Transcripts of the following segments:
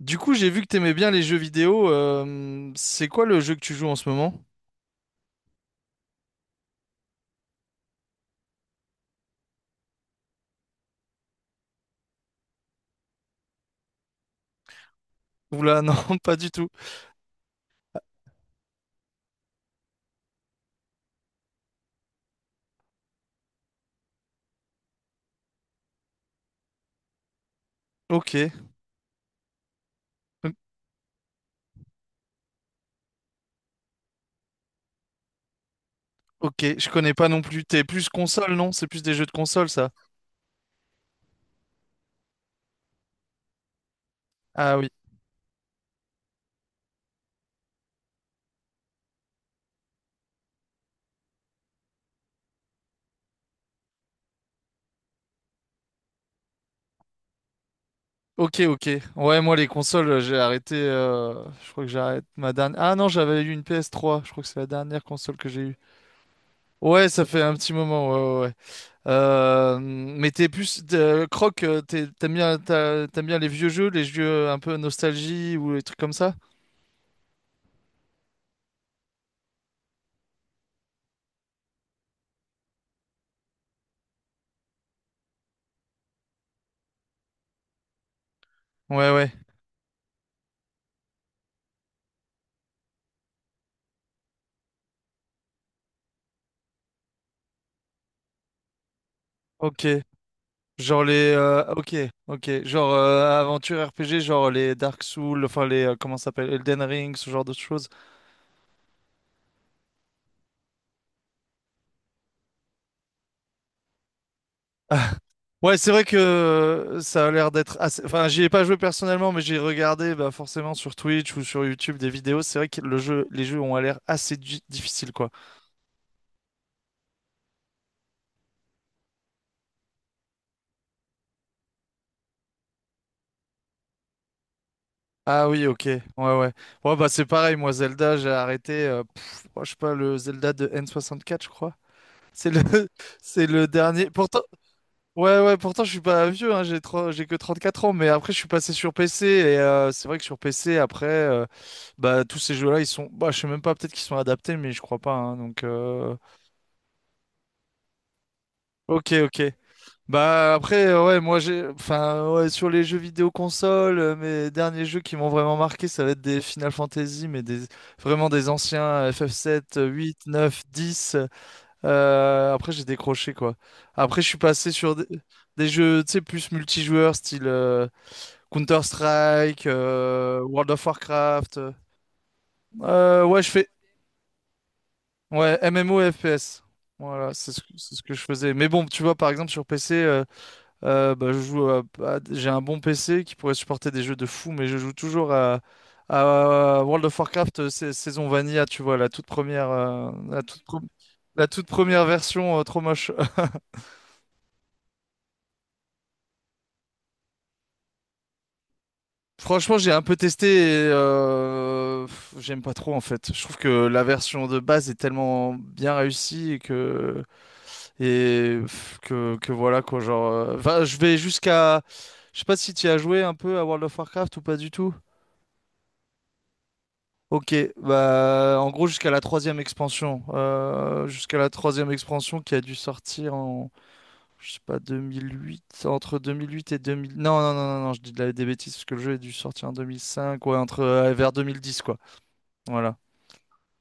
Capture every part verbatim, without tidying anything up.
Du coup, j'ai vu que t'aimais bien les jeux vidéo. Euh, c'est quoi le jeu que tu joues en ce moment? Oula, non, pas du tout. Ok, ok, je connais pas non plus. T'es plus console, non? C'est plus des jeux de console, ça? Ah oui. Ok, ok. Ouais, moi, les consoles, euh, j'ai arrêté. euh, Je crois que j'arrête ma dernière. Ah non, j'avais eu une P S trois. Je crois que c'est la dernière console que j'ai eue. Ouais, ça fait un petit moment. Ouais, ouais, ouais. Euh, Mais t'es plus. de- Croc, euh, t'es- t'aimes bien, t'as- t'aimes bien les vieux jeux, les jeux un peu nostalgie ou les trucs comme ça? Ouais, ouais. Ok. Genre les... euh, ok, ok. Genre euh, aventure R P G, genre les Dark Souls, enfin les... euh, comment ça s'appelle? Elden Ring, ce genre de choses. Ouais, c'est vrai que euh, ça a l'air d'être assez... Enfin, j'y ai pas joué personnellement, mais j'ai regardé bah, forcément sur Twitch ou sur YouTube des vidéos. C'est vrai que le jeu, les jeux ont l'air assez di- difficiles, quoi. Ah oui, ok. Ouais, ouais. Ouais, bah c'est pareil, moi, Zelda, j'ai arrêté, euh, pff, oh, je sais pas, le Zelda de N soixante-quatre, je crois. C'est le, c'est le dernier. Pourtant, ouais, ouais, pourtant je suis pas vieux, hein, j'ai trois- j'ai que trente quatre ans, mais après je suis passé sur P C et euh, c'est vrai que sur P C, après, euh, bah, tous ces jeux-là, ils sont, bah, je sais même pas, peut-être qu'ils sont adaptés, mais je crois pas, hein, donc, euh, ok, ok. Bah, après, euh, ouais, moi j'ai, enfin, ouais, sur les jeux vidéo console, euh, mes derniers jeux qui m'ont vraiment marqué, ça va être des Final Fantasy, mais des, vraiment des anciens ff sept euh, huit, neuf, dix. Euh, après, j'ai décroché, quoi. Après, je suis passé sur des, des jeux, tu sais, plus multijoueurs, style. euh, Counter-Strike, euh, World of Warcraft. Euh, euh, ouais, je fais. Ouais, M M O et F P S. Voilà, c'est ce, que c'est ce que je faisais. Mais bon, tu vois, par exemple, sur P C, euh, euh, bah, je joue à- à- j'ai un bon P C qui pourrait supporter des jeux de fou, mais je joue toujours à, à euh, World of Warcraft euh, sa- saison Vanilla, tu vois, la toute première, euh, la toute, pre- la toute première version, euh, trop moche. Franchement, j'ai un peu testé et euh, pff, j'aime pas trop en fait. Je trouve que la version de base est tellement bien réussie et que et pff, que, que voilà quoi, genre euh, enfin, je vais jusqu'à je sais pas si tu as joué un peu à World of Warcraft ou pas du tout. OK, bah en gros jusqu'à la troisième expansion, Euh, jusqu'à la troisième expansion qui a dû sortir en je sais pas deux mille huit. Entre deux mille huit et deux mille. Non non non non, non je dis de la- des bêtises parce que le jeu a dû sortir en deux mille cinq, ouais entre euh, vers deux mille dix, quoi. Voilà.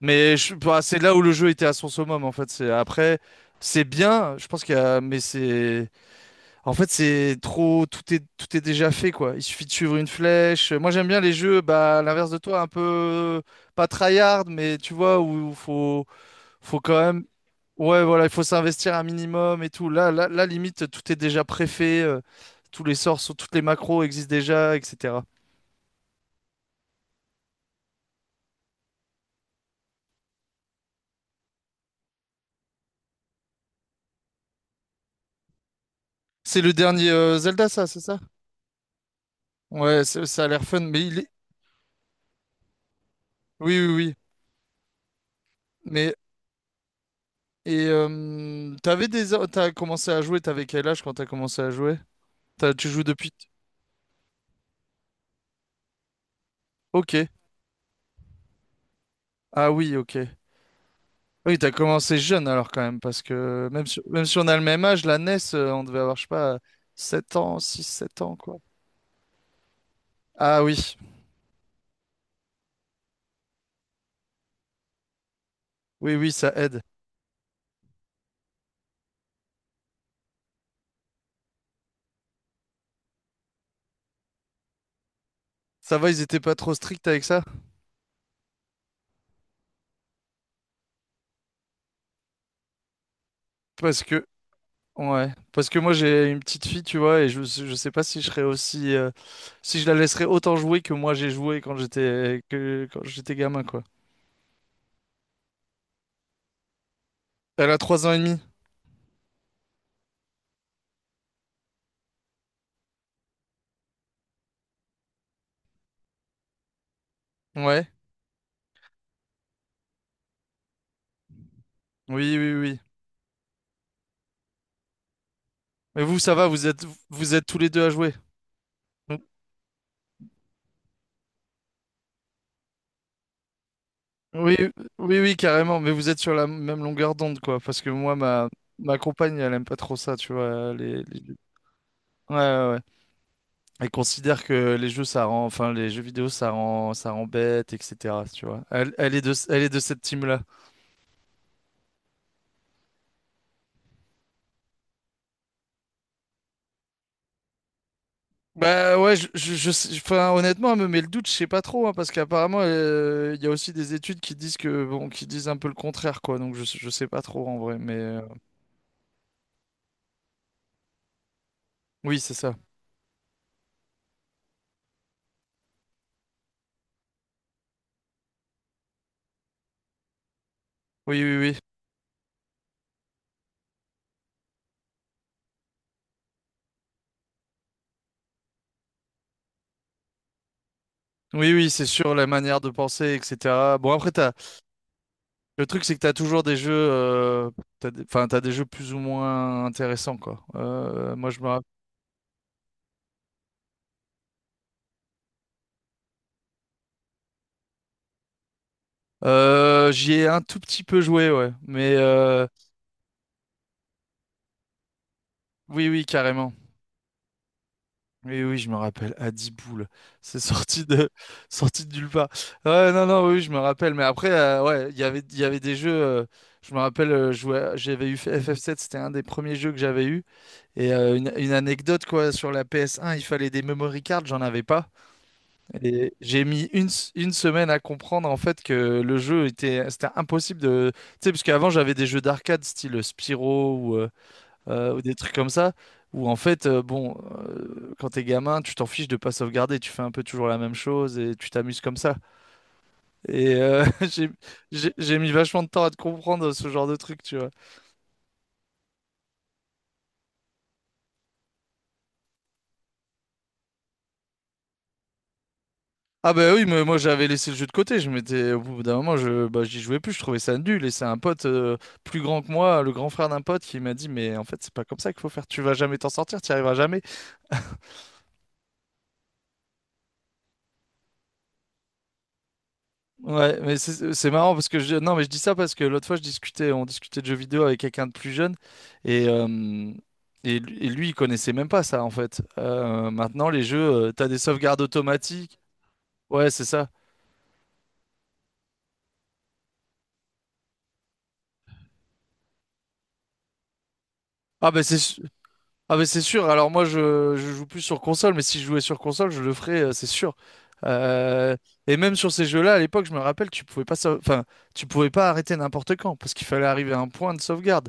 Mais je, bah, c'est là où le jeu était à son summum, en fait. C'est après, c'est bien, je pense qu'il y a, mais c'est, en fait, c'est trop, tout est, Tout est déjà fait, quoi. Il suffit de suivre une flèche. Moi, j'aime bien les jeux, bah, à l'inverse de toi, un peu, pas tryhard, mais tu vois, où, il faut, faut quand même, ouais, voilà, il faut s'investir un minimum et tout. Là, là, là, limite, tout est déjà préfait, euh, tous les sorts, sont- toutes les macros existent déjà, et cetera. C'est le dernier, euh, Zelda, ça, c'est ça? Ouais, c'est- ça a l'air fun, mais il est, oui, oui, oui. Mais et euh, t'avais des a- T'as commencé à jouer, t'avais quel âge quand t'as commencé à jouer? T'as- tu joues depuis Ok. Ah oui, ok. Oui, t'as commencé jeune alors quand même, parce que même si, même si on a le même âge, la NES, euh, on devait avoir, je sais pas, sept ans, six sept ans, quoi. Ah oui, oui, oui, ça aide. Ça va, ils étaient pas trop stricts avec ça? Parce que, ouais, parce que moi j'ai une petite fille, tu vois, et je, je sais pas si je serais aussi, euh, si je la laisserais autant jouer que moi j'ai joué quand j'étais, que, quand j'étais gamin, quoi. Elle a trois ans et demi. Ouais. Oui, oui, oui. Mais vous, ça va, vous êtes, vous êtes tous les deux à jouer. Oui, oui, oui, carrément. Mais vous êtes sur la même longueur d'onde, quoi. Parce que moi, ma, ma compagne, elle aime pas trop ça, tu vois. Les, les Ouais, ouais, ouais. Elle considère que les jeux, ça rend, enfin, les jeux vidéo, ça rend, ça rend bête, et cetera. Tu vois. Elle, elle est de, elle est de cette team-là. Bah ouais, je, je, je sais- enfin, honnêtement, elle me met le doute, je sais pas trop, hein, parce qu'apparemment, euh, il y a aussi des études qui disent que, bon, qui disent un peu le contraire, quoi, donc je, je sais pas trop en vrai, mais euh, oui, c'est ça. Oui, oui, oui. Oui, oui, c'est sûr, la manière de penser, et cetera. Bon, après, t'as, le truc, c'est que t'as toujours des jeux, euh, t'as des- enfin, t'as des jeux plus ou moins intéressants, quoi. Euh, moi, je me rappelle. Euh, j'y ai un tout petit peu joué, ouais, mais euh, oui, oui, carrément. Oui, oui, je me rappelle, Adiboules, c'est sorti de, sorti de nulle part. Ouais, non, non, oui, je me rappelle, mais après, euh, ouais, il y avait, il y avait des jeux, euh, je me rappelle, euh, je jouais- j'avais eu F F sept, c'était un des premiers jeux que j'avais eu, et euh, une, une anecdote, quoi, sur la P S un, il fallait des memory cards, j'en avais pas, et j'ai mis une, s- une semaine à comprendre, en fait, que le jeu était, c'était impossible de, tu sais, parce qu'avant, j'avais des jeux d'arcade, style Spyro, euh, ou des trucs comme ça, où en fait, euh, bon, euh, quand t'es gamin, tu t'en fiches de pas sauvegarder, tu fais un peu toujours la même chose et tu t'amuses comme ça. Et euh, j'ai j'ai- j'ai mis vachement de temps à te comprendre ce genre de truc, tu vois. Ah bah oui, mais moi j'avais laissé le jeu de côté, je m'étais, au bout d'un moment, je, bah, j'y jouais plus, je trouvais ça nul, et c'est un pote euh, plus grand que moi, le grand frère d'un pote, qui m'a dit, mais en fait, c'est pas comme ça qu'il faut faire, tu vas jamais t'en sortir, t'y arriveras jamais. Ouais, mais c'est c'est marrant parce que je, non, mais je dis ça parce que l'autre fois je discutais, on discutait de jeux vidéo avec quelqu'un de plus jeune et, euh, et, lui, et lui, il connaissait même pas ça en fait. Euh, maintenant les jeux, euh, t'as des sauvegardes automatiques. Ouais, c'est ça. Ah ben c'est su- ah ben c'est sûr. Alors moi je, je joue plus sur console, mais si je jouais sur console, je le ferais, euh, c'est sûr. Euh, et même sur ces jeux-là, à l'époque, je me rappelle, tu pouvais pas, sau- enfin, tu pouvais pas arrêter n'importe quand parce qu'il fallait arriver à un point de sauvegarde.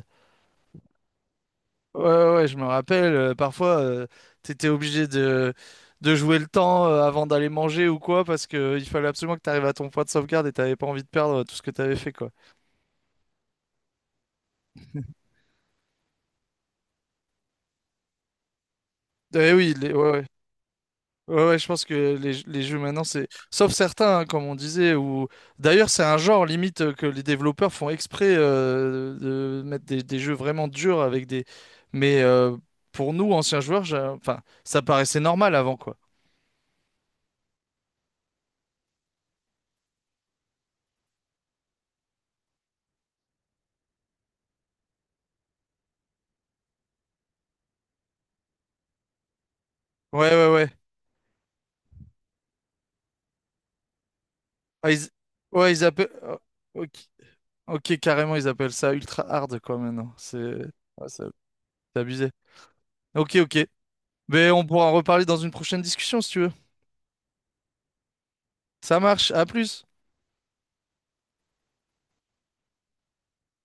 Ouais, ouais, ouais, je me rappelle, euh, parfois, euh, t'étais obligé de, de jouer le temps euh, avant d'aller manger ou quoi, parce que euh, il fallait absolument que t'arrives à ton point de sauvegarde et t'avais pas envie de perdre euh, tout ce que t'avais fait, quoi. Eh oui, les- ouais, ouais. Ouais, ouais, je pense que les, les jeux maintenant, c'est... Sauf certains, hein, comme on disait, ou... D'ailleurs, c'est un genre, limite, euh, que les développeurs font exprès euh, de mettre des, des jeux vraiment durs avec des... Mais euh, pour nous, anciens joueurs, j'ai- enfin, ça paraissait normal avant, quoi. Ouais, ouais, ouais. Ah, ils... Ouais, ils appellent... Ok, carrément, ils appellent ça ultra hard, quoi, maintenant. C'est ouais, c'est- c'est abusé. Ok, ok. Mais on pourra en reparler dans une prochaine discussion, si tu veux. Ça marche, à plus.